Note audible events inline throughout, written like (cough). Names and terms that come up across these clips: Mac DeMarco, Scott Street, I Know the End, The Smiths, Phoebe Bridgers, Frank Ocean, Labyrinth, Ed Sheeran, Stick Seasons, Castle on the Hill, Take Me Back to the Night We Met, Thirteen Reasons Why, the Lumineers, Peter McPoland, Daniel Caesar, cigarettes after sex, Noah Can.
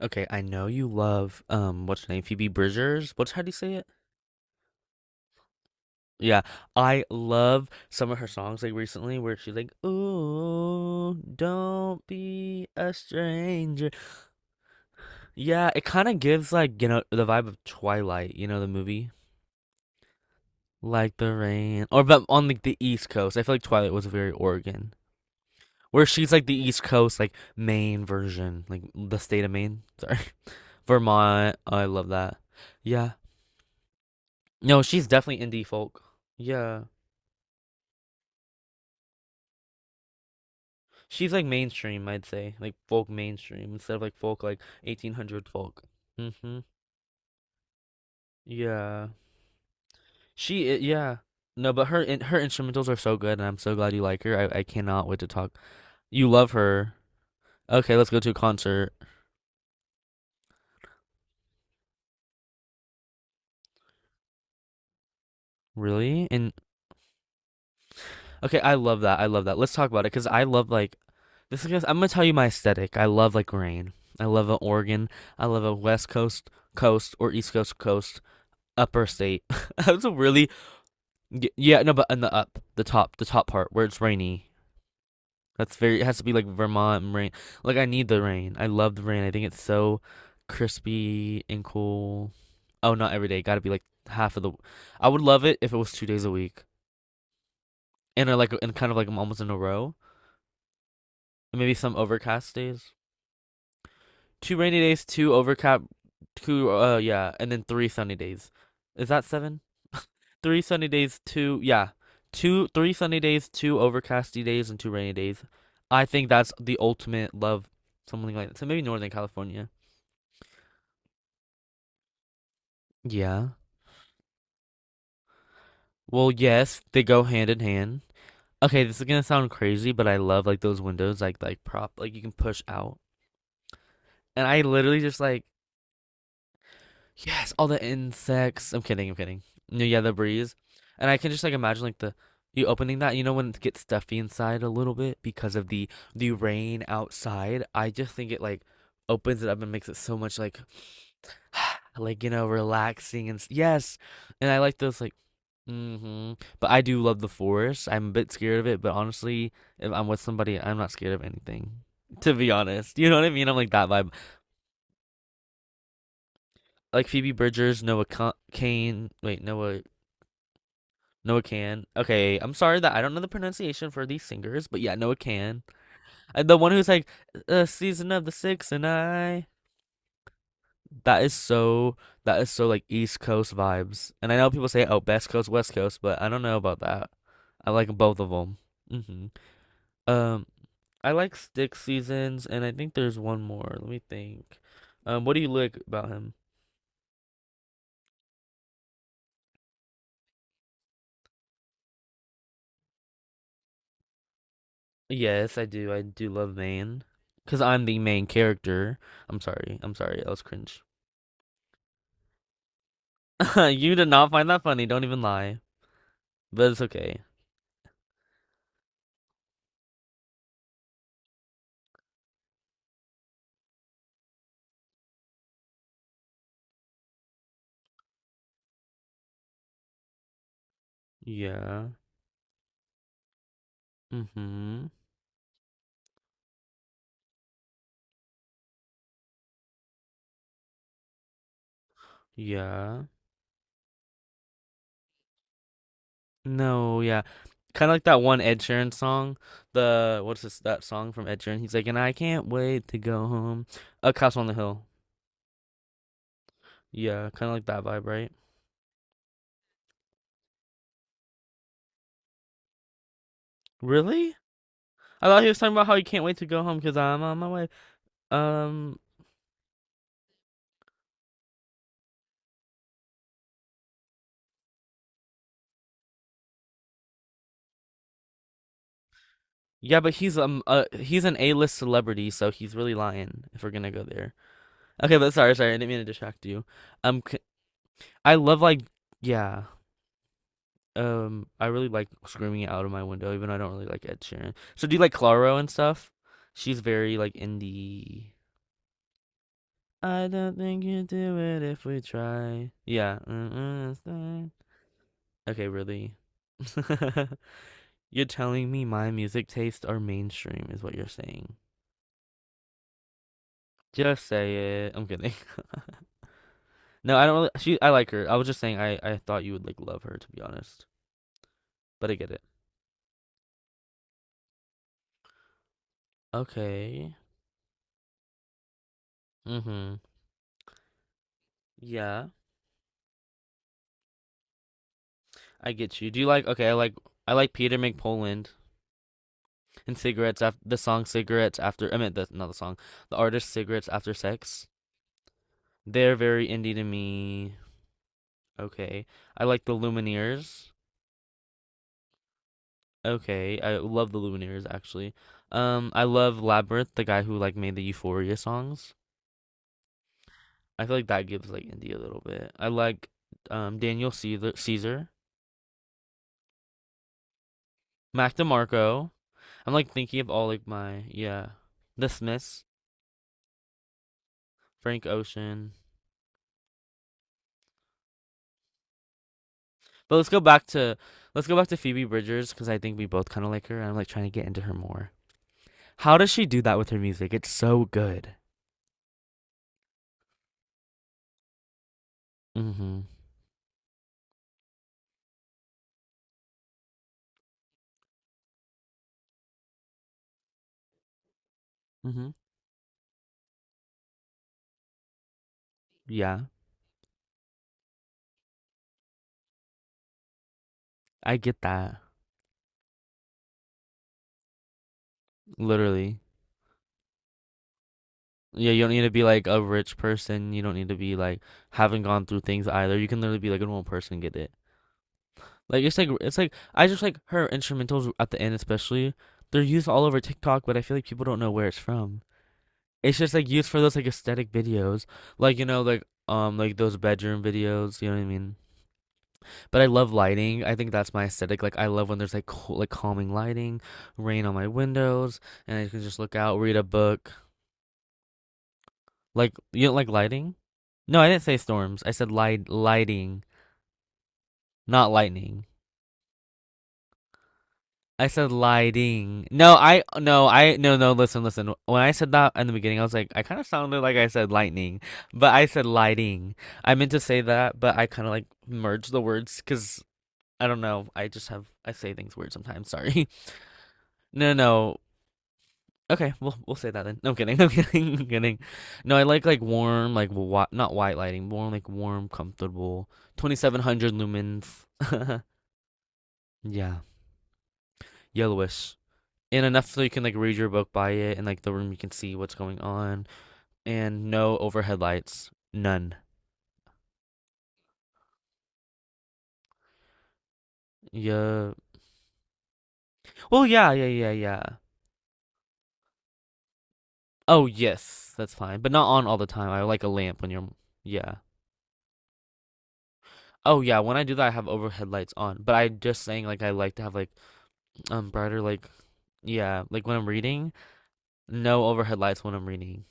Okay, I know you love what's her name? Phoebe Bridgers. What's how do you say it? Yeah. I love some of her songs like recently where she's like, Ooh, don't be a stranger. Yeah, it kinda gives like, the vibe of Twilight, you know, the movie? Like the rain. Or but on like the East Coast. I feel like Twilight was very Oregon. Where she's like the East Coast, like Maine version, like the state of Maine. Sorry. (laughs) Vermont. I love that. Yeah. No, she's definitely indie folk. Yeah. She's like mainstream, I'd say. Like folk mainstream instead of like folk like 1800 folk. Mm-hmm. Yeah. Yeah. No, but her instrumentals are so good, and I'm so glad you like her. I cannot wait to talk. You love her. Okay, let's go to a concert. Really? And okay, I love that. I love that. Let's talk about it because I love like I'm gonna tell you my aesthetic. I love like rain. I love a Oregon. I love a West Coast or East Coast. Upper state. (laughs) That's a really. Yeah no, but in the up, the top part where it's rainy. That's very. It has to be like Vermont rain. Like I need the rain. I love the rain. I think it's so crispy and cool. Oh, not every day. Got to be like half of the. I would love it if it was 2 days a week, and are like and kind of like I'm almost in a row. And maybe some overcast days. Two rainy days, two overcast, and then three sunny days. Is that seven? Three sunny days, two yeah, two three sunny days, two overcasty days, and two rainy days. I think that's the ultimate love, something like that. So maybe Northern California. Yeah. Well, yes, they go hand in hand. Okay, this is gonna sound crazy, but I love like those windows, like prop, like you can push out, and I literally just like. Yes, all the insects. I'm kidding, I'm kidding. No, yeah, the breeze. And I can just like imagine like the you opening that, you know, when it gets stuffy inside a little bit because of the rain outside. I just think it like opens it up and makes it so much like (sighs) like you know, relaxing and yes. And I like those like. Hmm. But I do love the forest. I'm a bit scared of it, but honestly, if I'm with somebody, I'm not scared of anything. To be honest, you know what I mean? I'm like that vibe. Like Phoebe Bridgers, Kane, wait, Noah Can. Okay, I'm sorry that I don't know the pronunciation for these singers, but yeah, Noah Can. The one who's like, a season of the six and I. That is so, that is so like East Coast vibes. And I know people say, oh, best coast, west coast, but I don't know about that. I like both of them. Hmm. Um, I like Stick Seasons, and I think there's one more. Let me think. What do you like about him? Yes, I do. I do love Maine. Because I'm the main character. I'm sorry. I'm sorry. That was cringe. (laughs) You did not find that funny, don't even lie. But it's okay. Yeah. Mm-hmm. Yeah. No, yeah. Kind of like that one Ed Sheeran song. The What's this that song from Ed Sheeran? He's like, and I can't wait to go home. A Castle on the Hill. Yeah, kind of like that vibe, right? Really? I thought he was talking about how he can't wait to go home because I'm on my way. Um, yeah, but he's an A-list celebrity, so he's really lying if we're gonna go there. Okay, but sorry, sorry, I didn't mean to distract you. Um, c- I love like. Yeah. I really like screaming it out of my window, even though I don't really like Ed Sheeran. So do you like Claro and stuff? She's very like indie. I don't think you do it if we try. Yeah. Mm-mm, it's fine. Okay, really. (laughs) You're telling me my music tastes are mainstream, is what you're saying. Just say it. I'm kidding. (laughs) No, I don't really. I like her. I was just saying I thought you would like love her, to be honest. But I get it. Okay. Mm-hmm. Yeah. I get you. Do you like Okay, I like Peter McPoland and cigarettes after the song cigarettes after. I meant the not the song. The artist cigarettes after sex. They're very indie to me. Okay. I like the Lumineers. Okay. I love the Lumineers actually. I love Labyrinth, the guy who like made the Euphoria songs. I feel like that gives like indie a little bit. I like Daniel Caesar, Caesar, Mac DeMarco. I'm like thinking of all like my yeah, The Smiths, Frank Ocean. But let's go back to Phoebe Bridgers because I think we both kind of like her, and I'm like trying to get into her more. How does she do that with her music? It's so good. Mm-hmm. Mm-hmm. Yeah, I get that. Literally. Yeah, you don't need to be like a rich person. You don't need to be like haven't gone through things either. You can literally be like a normal person and get it. Like I just like her instrumentals at the end especially. They're used all over TikTok, but I feel like people don't know where it's from. It's just like used for those like aesthetic videos, like like those bedroom videos. You know what I mean? But I love lighting. I think that's my aesthetic. Like I love when there's like cool, like calming lighting, rain on my windows, and I can just look out, read a book. Like you don't like lighting? No, I didn't say storms. I said lighting, not lightning. I said lighting. No, I no, I no no. Listen, listen. When I said that in the beginning, I was like, I kind of sounded like I said lightning, but I said lighting. I meant to say that, but I kind of like merged the words because I don't know. I just have I say things weird sometimes. Sorry. (laughs) No, no. Okay, we'll say that then. No, I'm kidding. (laughs) I'm kidding. I'm kidding. No, I like warm, like wa not white lighting, more like warm, comfortable, 2700 lumens. (laughs) Yeah, yellowish. And enough so you can like read your book by it, and like the room you can see what's going on, and no overhead lights, none. Yeah. Well, yeah, yeah, yeah, yeah. Oh yes, that's fine, but not on all the time. I like a lamp when you're. Yeah. Oh yeah, when I do that I have overhead lights on, but I just saying like I like to have like brighter, like. Yeah, like when I'm reading. No overhead lights when I'm reading.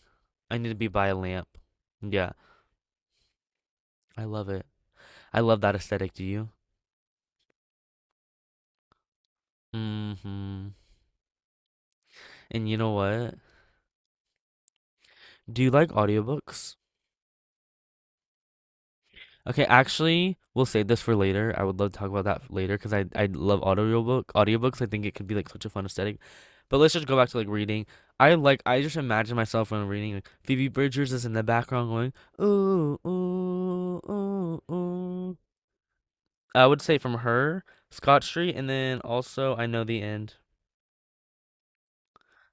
I need to be by a lamp. Yeah. I love it. I love that aesthetic. Do you. Mm-hmm. And you know what, do you like audiobooks? Okay, actually, we'll save this for later. I would love to talk about that later because I love audiobooks. I think it could be like such a fun aesthetic. But let's just go back to like reading. I just imagine myself when I'm reading like Phoebe Bridgers is in the background going ooh ooh ooh ooh. I would say from her Scott Street, and then also I know the end.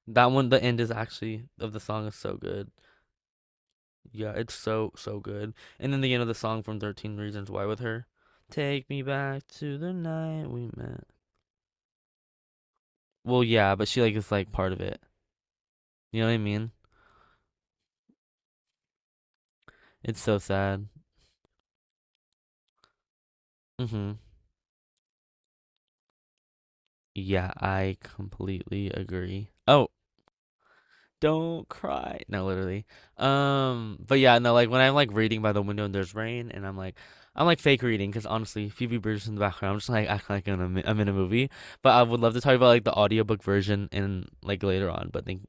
That one, the end is actually of the song is so good. Yeah, it's so so good. And then the end of the song from 13 Reasons Why with her, take me back to the night we met. Well, yeah, but she like is like part of it. You know what I mean? It's so sad. Mm-hmm. Yeah, I completely agree. Oh, don't cry. No, literally. But yeah, no, like when I'm like reading by the window and there's rain, and I'm like fake reading because honestly, Phoebe Bridgers in the background, I'm just like acting like I'm in a movie. But I would love to talk about like the audiobook version and like later on. But think.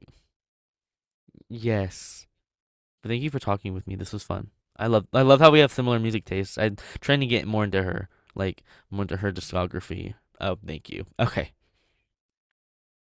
Yes. But thank you for talking with me. This was fun. I love how we have similar music tastes. I'm trying to get more into her, like more into her discography. Oh, thank you. Okay.